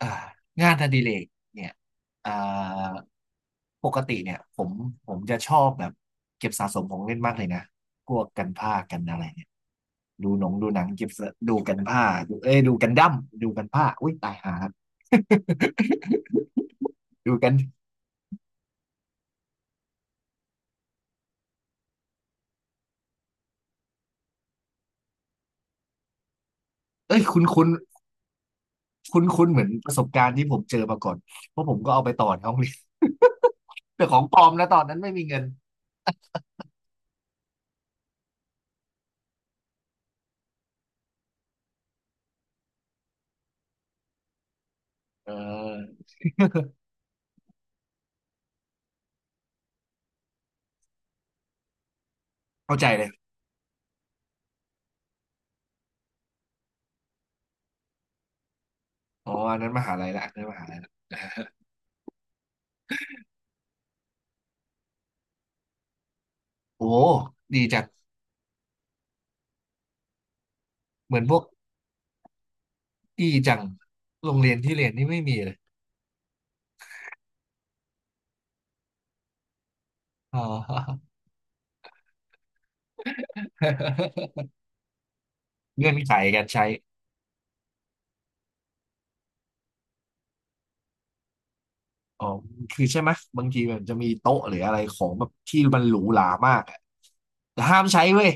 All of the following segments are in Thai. อ่างานอดิเรกเนี่ยอ่าปกติเนี่ยผมจะชอบแบบเก็บสะสมของเล่นมากเลยนะพวกกันผ้ากันอะไรเนี่ยดูหนังเก็บสะดูกันผ้าดูเอ้ยดูกันดั้มดูกันผ้าอุ้ยตายหาครับ ดูกันเอ้ยคุ้นคุ้นคุ้นคุ้นเหมือนประสบการณ์ที่ผมเจอมาก่อนเพราะผมก็เอาไปต่อในห้องเรียน แต่ของปลอมนะตอนนั้นไม่มีเงินเออเข้าใจเลยอ๋ออันนั้นมหาลัยละอันนั้นมหาลัยละโอ้ดีจังเหมือนพวก ดีจังโรงเรียนที่เรียนนี่ไม่มีเลยอ๋อ เงื่อนไขการใช้อ๋อคือใช่ไหมบางทีมันจะมีโต๊ะหรืออะไรของแบบที่มันหรูหรามากอะแต่ห้ามใช้เว้ย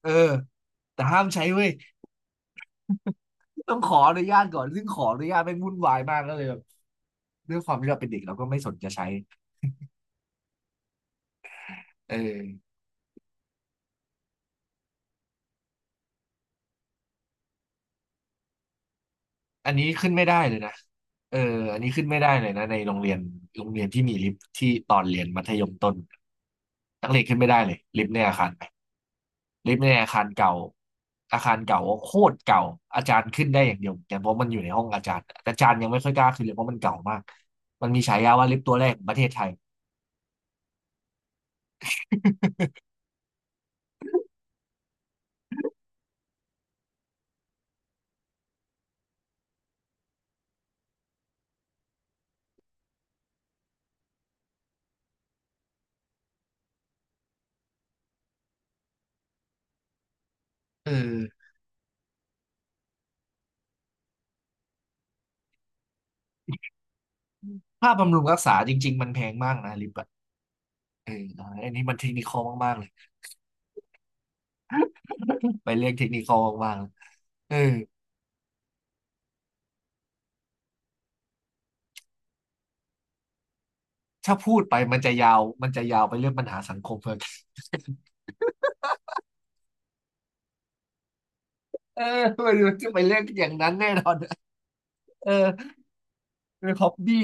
เออแต่ห้ามใช้เว้ยต้องขออนุญาตก่อนซึ่งขออนุญาตไม่งวุ่นวายมากก็เลยแบบด้วยความที่เราเป็นเด็กเราก็ไม่สนจะใช้เอออันนี้ขึ้นไม่ได้เลยนะเอออันนี้ขึ้นไม่ได้เลยนะในโรงเรียนโรงเรียนที่มีลิฟท์ที่ตอนเรียนมัธยมต้นนักเรียนขึ้นไม่ได้เลยลิฟต์ในอาคาร ลิฟต์ในอาคารเก่าอาคารเก่าโคตรเก่า อาจารย์ขึ้นได้อย่างเดียวแต่เพราะมันอยู่ในห้องอาจารย์แต่อาจารย์ยังไม่ค่อยกล้าขึ้นเลยเพราะมันเก่ามาก มันมีฉายาว่าลิฟต์ตัวแรกของประเทศไทย เออค่าบำรุงรักษาจริงๆมันแพงมากนะลิปอะเอออันนี้มันเทคนิคอลมากๆเลยไปเรื่องเทคนิคอลมากๆเลยเออถ้าพูดไปมันจะยาว มันจะยาวไปเรื่องปัญหาสังคมเลย เออมันจะไปเรื่องอย่างนั้นแน่นอนเออเป็นฮ็อบบี้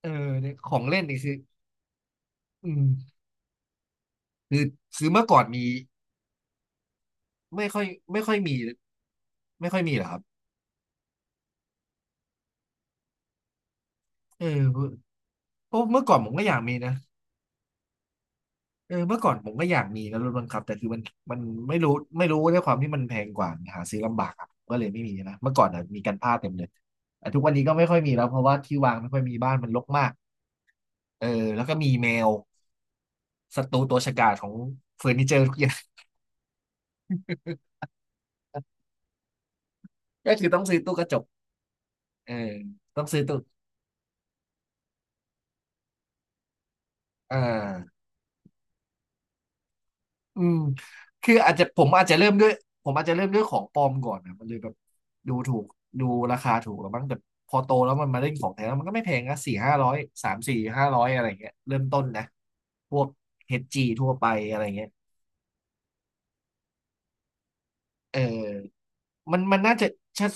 เออเนี่ยของเล่นนี่อืมคือคือเมื่อก่อนมี ไม่ค่อยไม่ค่อยมีไม่ค่อยมีเหรอครับเออเพราะเมื่อก่อนผมก็อยากมีนะเออเมื่อก่อนผมก็อยากมีนะรถบังคับแต่คือมันไม่รู้ไม่รู้ด้วยความที่มันแพงกว่าหาซื้อลำบากครับก็เลยไม่มีนะเมื่อก่อนอ่ะมีกันพลาดเต็มเลยแต่ทุกวันนี้ก็ไม่ค่อยมีแล้วเพราะว่าที่วางไม่ค่อยมีบ้านมันรกมากเออแล้วก็มีแมวศัตรูตัวฉกาจของเฟอร์นิเจอร์ทุกอย่าง ก็คือต้องซื้อตู้กระจกเออต้องซื้อตู้อ่า อืมคืออาจจะผมอาจจะเริ่มด้วยของปลอมก่อนนะมันเลยแบบดูถูกดูราคาถูกแล้วมั้งแต่พอโตแล้วมันมาเล่นของแท้แล้วมันก็ไม่แพงนะสี่ห้าร้อยสามสี่ห้าร้อยอะไรเงี้ยเริ่มต้นนะพวกเฮดจีทั่วไปอะไรเงี้ยเออมันน่าจะถ้า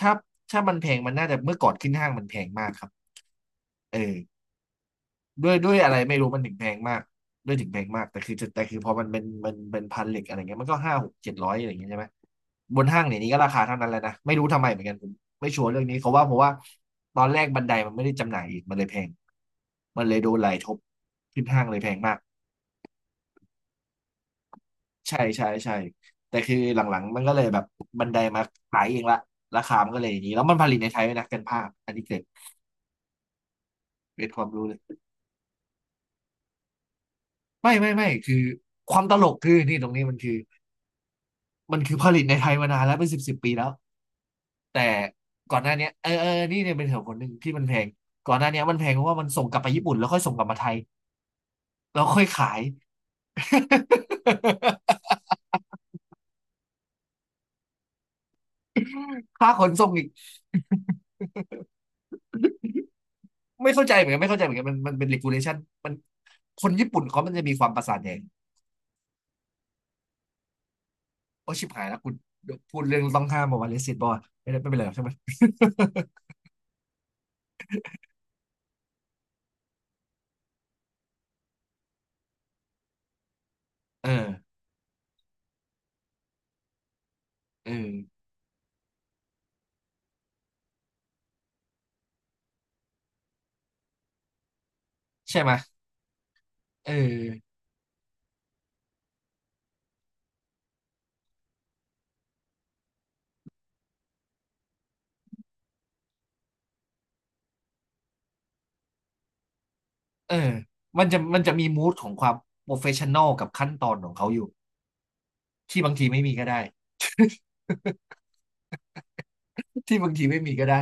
ถ้าถ้ามันแพงมันน่าจะเมื่อก่อนขึ้นห้างมันแพงมากครับเออ ด้วยอะไรไม่รู้มันถึงแพงมากด้วยถึงแพงมากแต่คือพอมันเป็นพันเหล็กอะไรเงี้ยมันก็ห้าหกเจ็ดร้อยอะไรอย่างเงี้ยใช่ไหมบนห้างเนี่ยนี้ก็ราคาเท่านั้นแหละนะไม่รู้ทำไมเหมือนกันผมไม่ชัวร์เรื่องนี้เขาว่าเพราะว่าตอนแรกบันไดมันไม่ได้จำหน่ายอีกมันเลยแพงมันเลยโดนไหลทบขึ้นห้างเลยแพงมากใช่ใช่ใช่แต่คือหลังๆมันก็เลยแบบบันไดมาขายเองละราคามันก็เลยอย่างนี้แล้วมันผลิตในไทยด้วยนะเป็นภาพอันนี้เกิดเป็นความรู้เลยไม่ไม่ไม่คือความตลกคือนี่ตรงนี้มันคือ มันคือผลิตในไทยมานานแล้วเป็นสิบสิบปีแล้วแต่ก่อนหน้าเนี้ยเออเออนี่เนี่ยเป็นเหตุผลหนึ่งที่มันแพงก่อนหน้าเนี้ยมันแพงเพราะว่ามันส่งกลับไปญี่ปุ่นแล้วค่อยส่งกลับมาไทยแล้วค่อยขาย ค่าขนส่งอีกไม่เข้าใจเหมือนกันไม่เข้าใจเหมือนกันมันเป็น regulation มันคนญี่ปุ่นเขามันจะมีความประสาทแดงโอ้ชิบหายแล้วคุณเดี๋ยวพูดเรื่องต้องห้ามบอกว่าเลสิตบอลไม่ได้ไม่เป็นไรหรอกใช่ไหม เออเออใช่ไหมเออเออมันจะมีมูดของความโปรเฟชชั่น a ลกับขั้นตอนของเขาอยู่ ที่บางทีไม่มีก็ได้ที่บางทีไม่มีก็ได้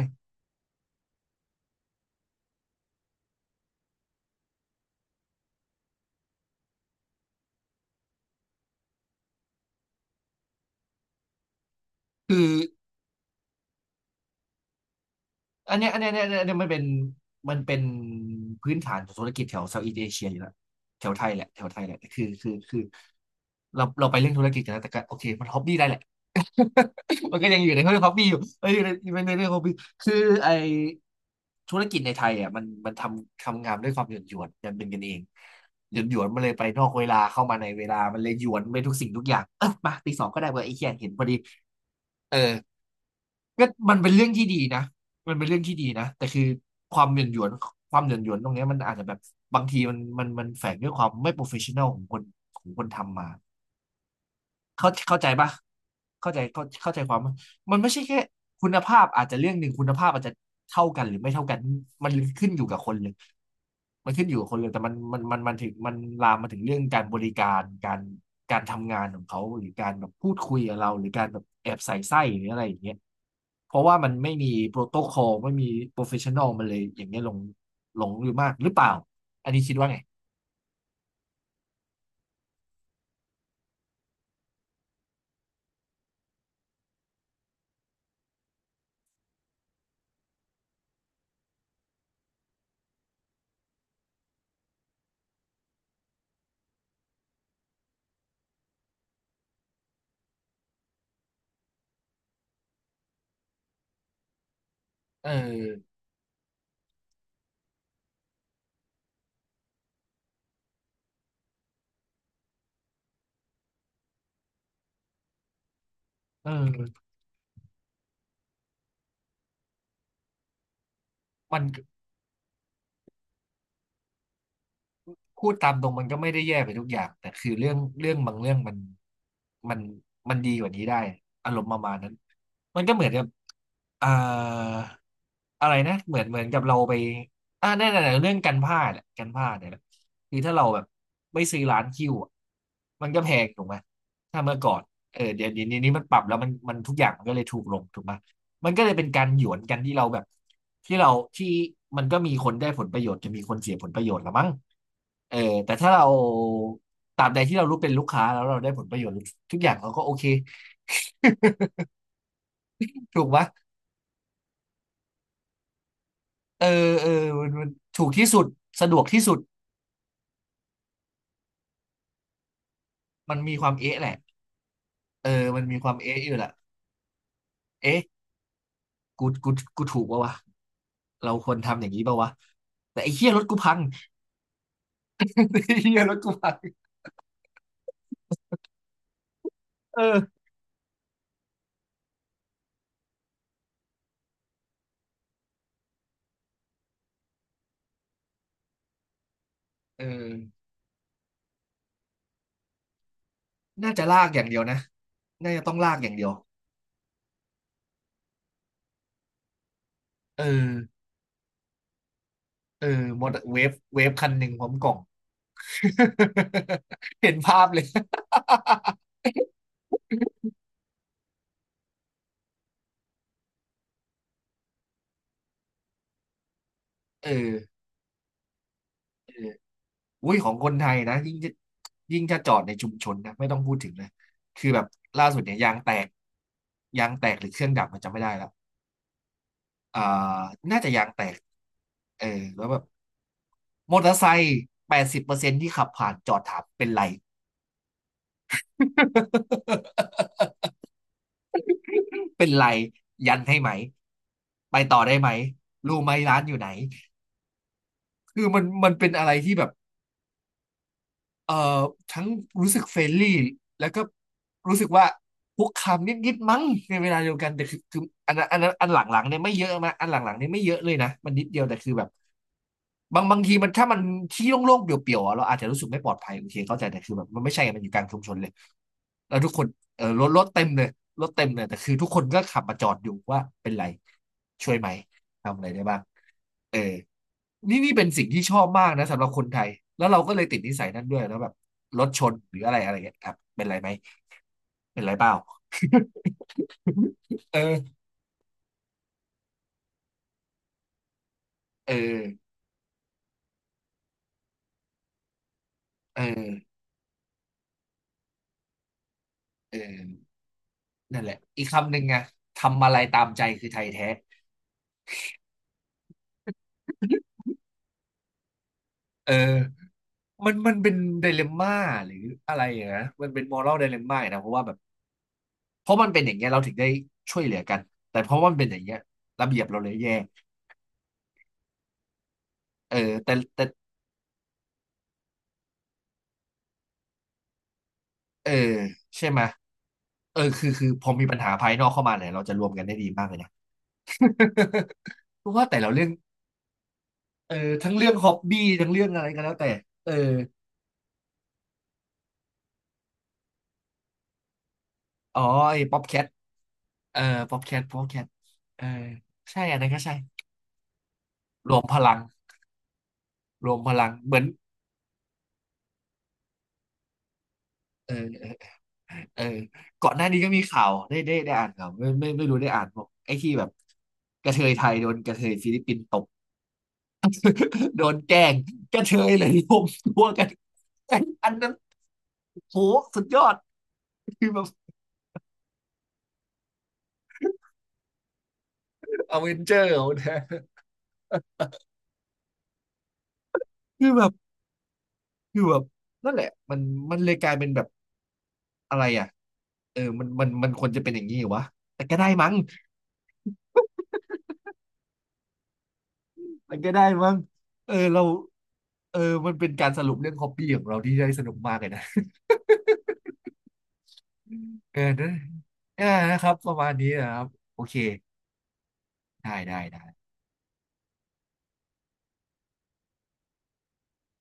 คืออันเนี้ยอันเนี้ยอันเนี้ยอันเนี้ยมันเป็นมันเป็นพื้นฐานของธุรกิจแถวเซาท์อีสเอเชียอยู่แล้วแถวไทยแหละแถวไทยแหละคือเราไปเรื่องธุรกิจกันนะแต่ก็โอเคมันฮ็อบบี้ได้แหละ มันก็ยังอยู่ใน เรื่องฮ็อบบี้อยู่เอ้ยอยู่ันในเรื่องฮ็อบบี้คือไอธุรกิจในไทยอ่ะมันทำงานด้วยความหยวนหยวนกันเป็นกันเองหยวนหยวนมันเลยไปนอกเวลาเข้ามาในเวลามันเลยหยวนไปทุกสิ่งทุกอย่างเออมาตีสองก็ได้เว้ยไอ้เหี้ยเห็นพอดีเออ ก็มันเป็นเรื่องที่ดีนะมันเป็นเรื่องที่ดีนะ แต่คือความเหย่อนหยวนความเหย่อนหยวนตรงเนี้ยมันอาจจะแบบบางทีมันแฝงด้วยความไม่โปรเฟชชั่นอลของคนของคนทำมา เข้าใจปะเข้าใจเข้าเข้าใจความปะมันไม่ใช่แค่คุณภาพอาจจะเรื่องหนึ่งคุณภาพอาจจะเท่ากันหรือไม่เท่ากันมันขึ้นอยู่กับคนเลยมันขึ้นอยู่กับคนเลยแต่มันถึงมันลามมาถึงเรื่องการบริการการทำงานของเขาหรือการแบบพูดคุยกับเราหรือการแบบแอบใส่ไส้หรืออะไรอย่างเงี้ยเพราะว่ามันไม่มีโปรโตคอลไม่มีโปรเฟชชั่นอลมันเลยอย่างเงี้ยหลงอยู่มากหรือเปล่าอันนี้คิดว่าไงเออเออมัน พูดตามตรงมันก็ไม่ได้แย่ไปทุกอย่างแต่คือเรื่องบางเรื่องมันมันดีกว่านี้ได้อารมณ์ประมาณนั้นมันก็เหมือนกับเอ่ออะไรนะเหมือนกับเราไปอ่าแน่นอเรื่องกันผ้าดแหละกันผ้าดเนี่ยแหละคือถ้าเราแบบไม่ซื้อร้านคิวอะมันก็แพงถูกไหมถ้าเมื่อก่อนเออเดี๋ยวนี้มันปรับแล้วมันทุกอย่างมันก็เลยถูกลงถูกไหมมันก็เลยเป็นการหยวนกันที่เราแบบที่เราที่มันก็มีคนได้ผลประโยชน์จะมีคนเสียผลประโยชน์ละมั้ง เออแต่ถ้าเราตรามใดที่เรารู้เป็นลูกค้าแล้วเราได้ผลประโยชน์ทุกอย่างเราก็โอเค ถูกปะเออมันถูกที่สุดสะดวกที่สุดมันมีความเอ๊ะแหละเออมันมีความเอ๊ะอยู่แหละเอ๊ะกูกูถูกปะวะเราควรทำอย่างนี้ปะวะแต่ไอ้เหี้ยรถกูพัง ไอ้เหี้ยรถกูพังเออเออน่าจะลากอย่างเดียวนะน่าจะต้องลากอย่างเดียวเออเออมอเตอร์เวฟคันหนึ่งพร้อมกล่อง เห็นภาพเลยเออเออ อุ้ยของคนไทยนะยิ่งจะยิ่งจะจอดในชุมชนนะไม่ต้องพูดถึงเลยคือแบบล่าสุดเนี่ยยางแตกยางแตกหรือเครื่องดับมันจำไม่ได้แล้วอ่าน่าจะยางแตกเออแล้วแบบมอเตอร์ไซค์80%ที่ขับผ่านจอดถามเป็นไร เป็นไรยันให้ไหมไปต่อได้ไหมรู้ไหมร้านอยู่ไหนคือมันเป็นอะไรที่แบบ เอ่อทั้งรู้สึกเฟรนลี่แล้วก็รู้สึกว่าคุกคามนิดๆมั้งในเวลาเดียวกันแต่คืออันนั้นอันหลังๆเนี่ยไม่เยอะมาอันหลังๆเนี่ยไม่เยอะเลยนะมันนิดเดียวแต่คือแบบบางทีมันที่โล่งๆเปลี่ยวๆอะเราอาจจะรู้สึกไม่ปลอดภัยโอเคเข้าใจแต่คือแบบมันไม่ใช่ไงมันอยู่กลางชุมชนเลยแล้วทุกคนเออรถเต็มเลยรถเต็มเลยแต่คือทุกคนก็ขับมาจอดอยู่ว่าเป็นไรช่วยไหมทำอะไรได้บ้าง เออนี่เป็นสิ่งที่ชอบมากนะสำหรับคนไทย แล้วเราก็เลยติดนิสัยนั้นด้วยแล้วแบบรถชนหรืออะไรอะไรเงี้ยครับเป็นไรไหมเป็นไรเปล่า เออเออเออเออนั่นแหละอีกคำหนึ่งไงทำอะไรตามใจคือไทยแท้เออมันเป็นไดเลมม่าหรืออะไรอย่างนะมันเป็นมอรัลไดเลมม่านะเพราะว่าแบบเพราะมันเป็นอย่างเงี้ยเราถึงได้ช่วยเหลือกันแต่เพราะว่ามันเป็นอย่างเงี้ยระเบียบเราเลยแย่เออแต่ เออใช่ไหมยเออคือพอมีปัญหาภายนอกเข้ามาเนี่ยเราจะรวมกันได้ดีมากเลยนะ เพราะว่าแต่เราเรื่องเออทั้งเรื่องฮอบบี้ทั้งเรื่องอะไรก็แล้วแต่เอออ๋อไอ้ป๊อปแคทเออป๊อปแคทป๊อปแคทเออใช่อันนั้นก็ใช่รวมพลังรวมพลังเหมือนเออเออเออก่อนหน้านี้ก็มีข่าวได้อ่านข่าวไม่ไม่ไม่รู้ได้อ่านบอกไอ้ที่แบบกระเทยไทยโดนกระเทยฟิลิปปินส์ตบ โดนแกล้งกระเทยเลยรวมตัวกันอันนั้นโหสุดยอดคือแบบอเวนเจอร์นะคือแบบคือแบบนั่นแหละมันเลยกลายเป็นแบบอะไรอ่ะเออมันควรจะเป็นอย่างนี้เหรอวะแต่ก็ได้มั้งมันก็ได้มั้งเออเราเออมันเป็นการสรุปเรื่องฮอปปี้ของเราที่ได้สนุกมากเลยนะเออนะเออนะครับประมาณนี้นะครับโอเคได้